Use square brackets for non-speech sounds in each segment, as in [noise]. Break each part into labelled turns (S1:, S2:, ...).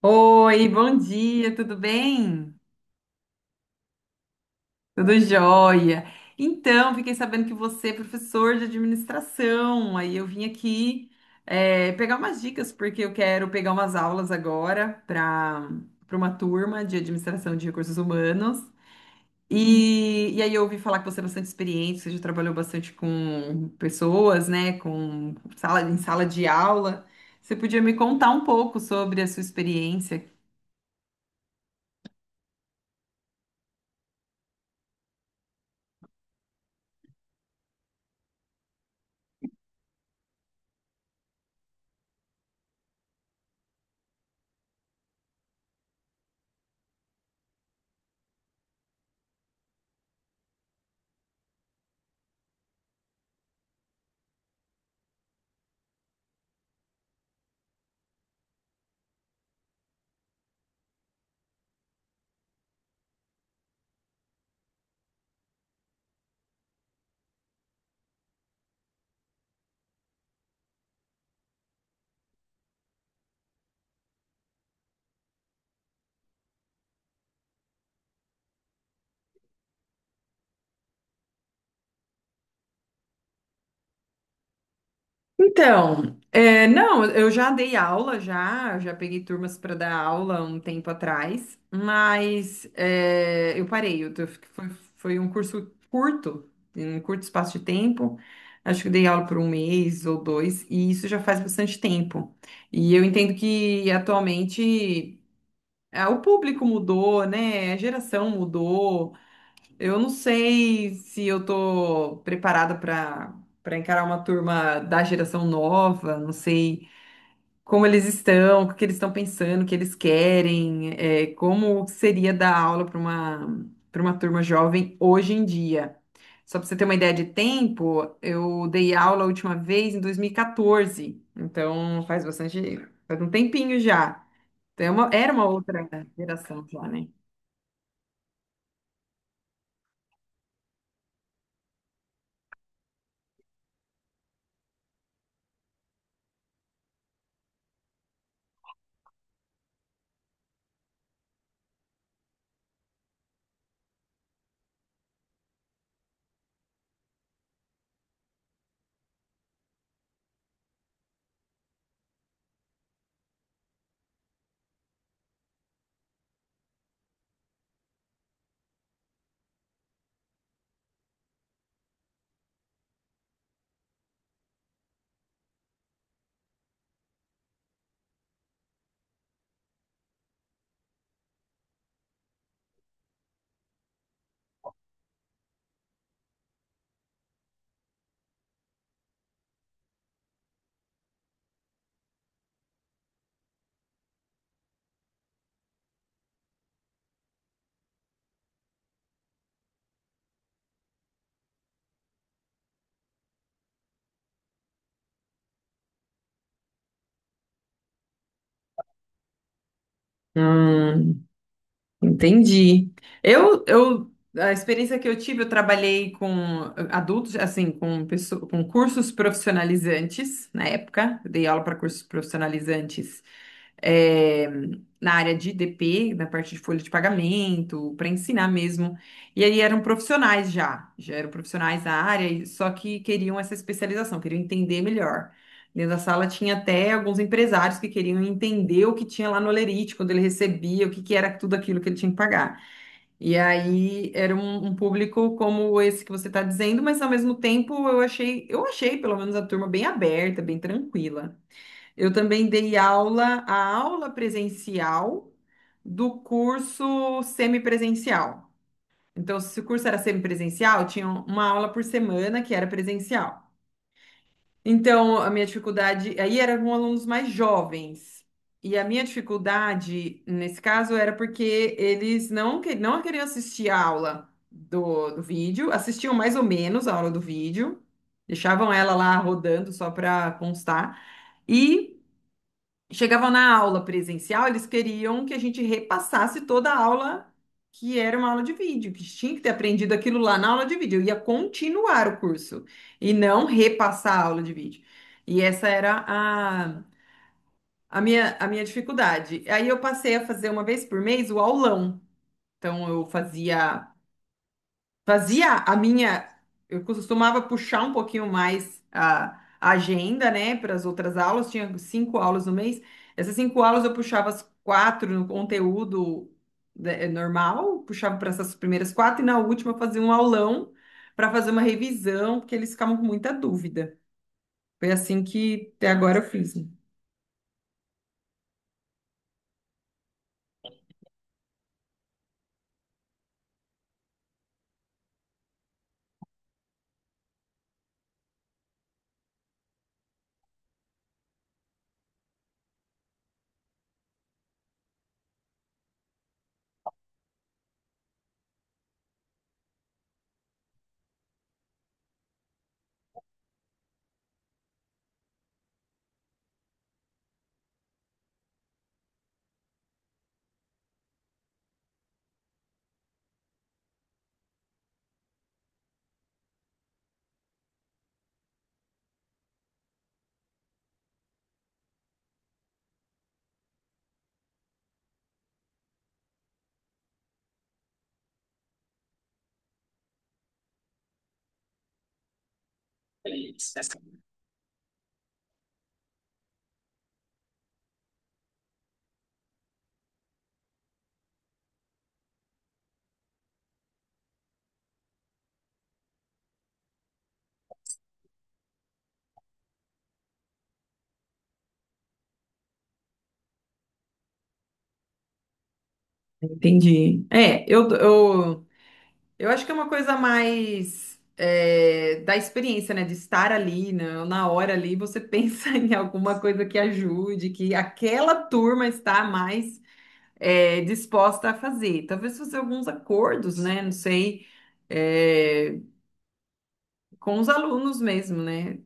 S1: Oi, bom dia, tudo bem? Tudo jóia. Então, fiquei sabendo que você é professor de administração, aí eu vim aqui pegar umas dicas, porque eu quero pegar umas aulas agora para uma turma de administração de recursos humanos. E aí eu ouvi falar que você é bastante experiente, você já trabalhou bastante com pessoas, né, com sala, em sala de aula. Você podia me contar um pouco sobre a sua experiência. Então, é, não, eu já dei aula já, eu já peguei turmas para dar aula um tempo atrás, mas é, eu parei, foi, foi um curso curto, em um curto espaço de tempo, acho que eu dei aula por um mês ou dois, e isso já faz bastante tempo. E eu entendo que atualmente ah, o público mudou, né? A geração mudou. Eu não sei se eu tô preparada para encarar uma turma da geração nova, não sei como eles estão, o que eles estão pensando, o que eles querem, é, como seria dar aula para uma turma jovem hoje em dia. Só para você ter uma ideia de tempo, eu dei aula a última vez em 2014, então faz bastante, faz um tempinho já. Era uma outra geração já, né? Hum, entendi. Eu, eu, a experiência que eu tive, eu trabalhei com adultos, assim, com, com cursos profissionalizantes, na época, eu dei aula para cursos profissionalizantes, eh, na área de IDP, na parte de folha de pagamento, para ensinar mesmo. E aí eram profissionais já, já eram profissionais da área, só que queriam essa especialização, queriam entender melhor. Dentro da sala tinha até alguns empresários que queriam entender o que tinha lá no Olerite, quando ele recebia, o que que era tudo aquilo que ele tinha que pagar. E aí era um público como esse que você está dizendo, mas ao mesmo tempo eu achei pelo menos a turma bem aberta, bem tranquila. Eu também dei aula, a aula presencial do curso semipresencial. Então, se o curso era semipresencial, tinha uma aula por semana que era presencial. Então, a minha dificuldade aí era com alunos mais jovens. E a minha dificuldade nesse caso era porque eles não, não queriam assistir a aula do vídeo, assistiam mais ou menos a aula do vídeo, deixavam ela lá rodando só para constar. E chegavam na aula presencial, eles queriam que a gente repassasse toda a aula, que era uma aula de vídeo, que tinha que ter aprendido aquilo lá na aula de vídeo. Eu ia continuar o curso e não repassar a aula de vídeo. E essa a minha dificuldade. Aí eu passei a fazer uma vez por mês o aulão. Então eu fazia a minha, eu costumava puxar um pouquinho mais a agenda, né, para as outras aulas, tinha cinco aulas no mês, essas cinco aulas eu puxava as quatro no conteúdo, né, é normal, puxava para essas primeiras quatro, e na última eu fazia um aulão para fazer uma revisão, porque eles ficavam com muita dúvida. Foi assim que até agora eu fiz. Entendi. É, eu acho que é uma coisa mais é, da experiência, né? De estar ali, na hora ali, você pensa [laughs] em alguma coisa que ajude, que aquela turma está mais é, disposta a fazer. Talvez fazer alguns acordos, né? Não sei. eh, com os alunos mesmo, né?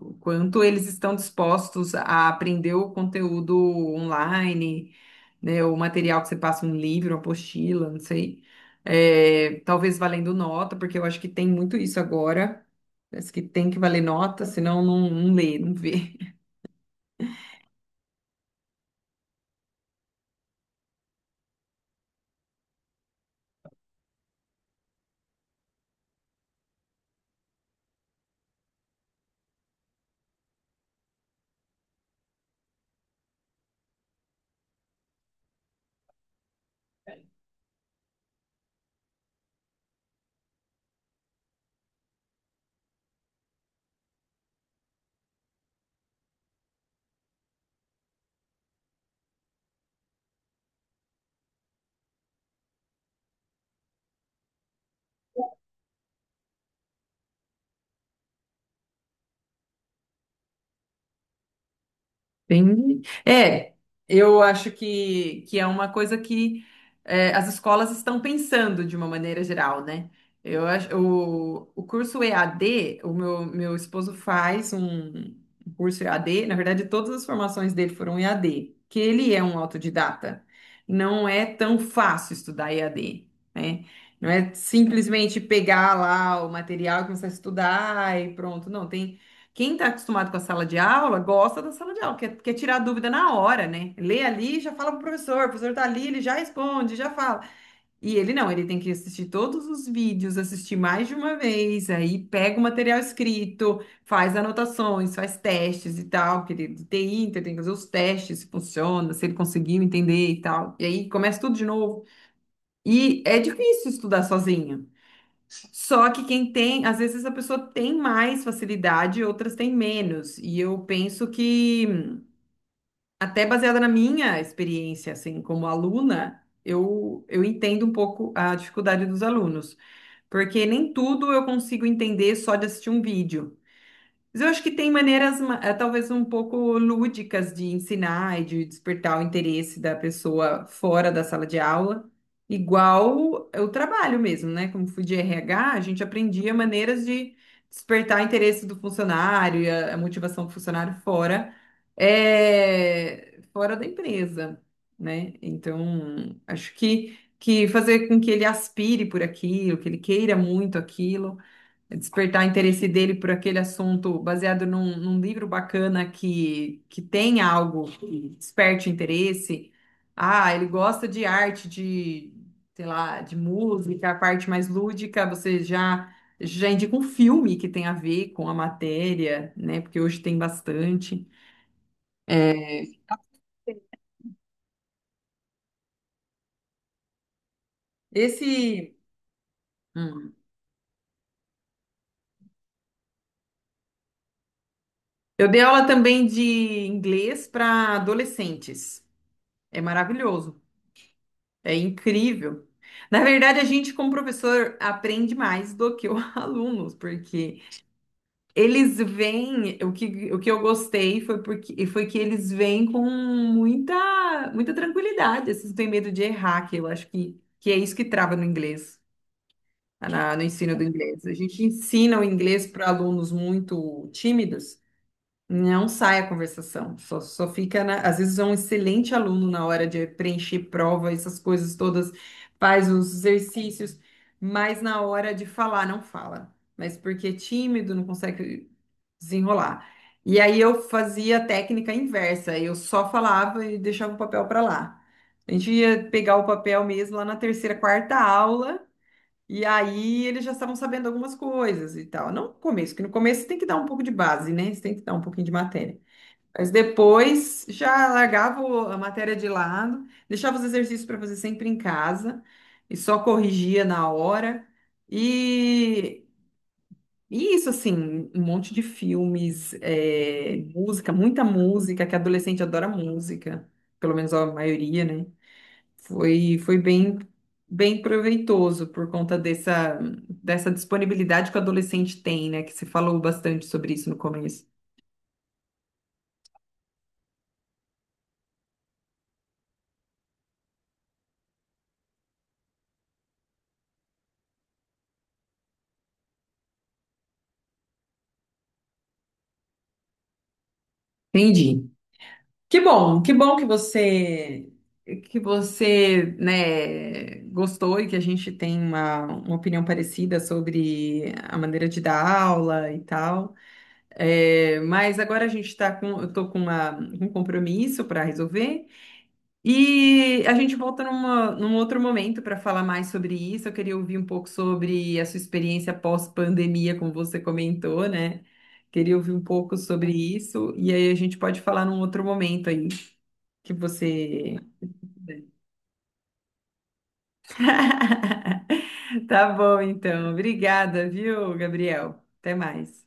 S1: O quanto eles estão dispostos a aprender o conteúdo online, né? O material que você passa, um livro, uma apostila, não sei. É, talvez valendo nota, porque eu acho que tem muito isso agora. Parece que tem que valer nota, senão não, não lê, não vê. Entendi. É, eu acho que é uma coisa que é, as escolas estão pensando de uma maneira geral, né? Eu acho, o curso EAD, meu esposo faz um curso EAD, na verdade, todas as formações dele foram EAD, que ele é um autodidata. Não é tão fácil estudar EAD, né? Não é simplesmente pegar lá o material e começar a estudar e pronto. Não, tem quem está acostumado com a sala de aula gosta da sala de aula, quer tirar a dúvida na hora, né? Lê ali, e já fala pro professor, o professor tá ali, ele já responde, já fala. E ele não, ele tem que assistir todos os vídeos, assistir mais de uma vez, aí pega o material escrito, faz anotações, faz testes e tal, porque ele de TI, então ele tem que fazer os testes, se funciona, se ele conseguiu entender e tal. E aí começa tudo de novo. E é difícil estudar sozinho. Só que quem tem, às vezes a pessoa tem mais facilidade, outras têm menos. E eu penso que, até baseada na minha experiência, assim, como aluna, eu entendo um pouco a dificuldade dos alunos, porque nem tudo eu consigo entender só de assistir um vídeo. Mas eu acho que tem maneiras, talvez um pouco lúdicas de ensinar e de despertar o interesse da pessoa fora da sala de aula, igual o trabalho mesmo, né? Como fui de RH, a gente aprendia maneiras de despertar interesse do funcionário e a motivação do funcionário fora, fora da empresa, né? Então, acho que fazer com que ele aspire por aquilo, que ele queira muito aquilo, despertar interesse dele por aquele assunto baseado num livro bacana que tem algo que desperte interesse. Ah, ele gosta de arte, de, sei lá, de música, a parte mais lúdica, você já indica um filme que tem a ver com a matéria, né? Porque hoje tem bastante. É, esse hum. Eu dei aula também de inglês para adolescentes. É maravilhoso. É incrível. Na verdade, a gente, como professor, aprende mais do que os [laughs] alunos, porque eles vêm. O que eu gostei foi porque foi que eles vêm com muita tranquilidade. Eles não têm medo de errar, que eu acho que é isso que trava no inglês, no ensino do inglês. A gente ensina o inglês para alunos muito tímidos. Não sai a conversação, só fica às vezes é um excelente aluno na hora de preencher prova, essas coisas todas, faz os exercícios, mas na hora de falar, não fala. Mas porque é tímido, não consegue desenrolar. E aí eu fazia a técnica inversa, eu só falava e deixava o papel para lá. A gente ia pegar o papel mesmo lá na terceira, quarta aula, e aí eles já estavam sabendo algumas coisas e tal. Não no começo, que no começo você tem que dar um pouco de base, né? Você tem que dar um pouquinho de matéria. Mas depois já largava a matéria de lado, deixava os exercícios para fazer sempre em casa e só corrigia na hora. E, e isso, assim, um monte de filmes, é, música, muita música, que adolescente adora música, pelo menos a maioria, né? Foi bem, bem proveitoso por conta dessa, dessa disponibilidade que o adolescente tem, né? Que se falou bastante sobre isso no começo. Entendi. Que bom que você, né, gostou e que a gente tem uma opinião parecida sobre a maneira de dar aula e tal. É, mas agora a gente está com, eu tô com uma- um compromisso para resolver e a gente volta num outro momento para falar mais sobre isso. Eu queria ouvir um pouco sobre a sua experiência pós-pandemia, como você comentou, né? Queria ouvir um pouco sobre isso e aí a gente pode falar num outro momento aí que você. [laughs] Tá bom, então. Obrigada, viu, Gabriel? Até mais.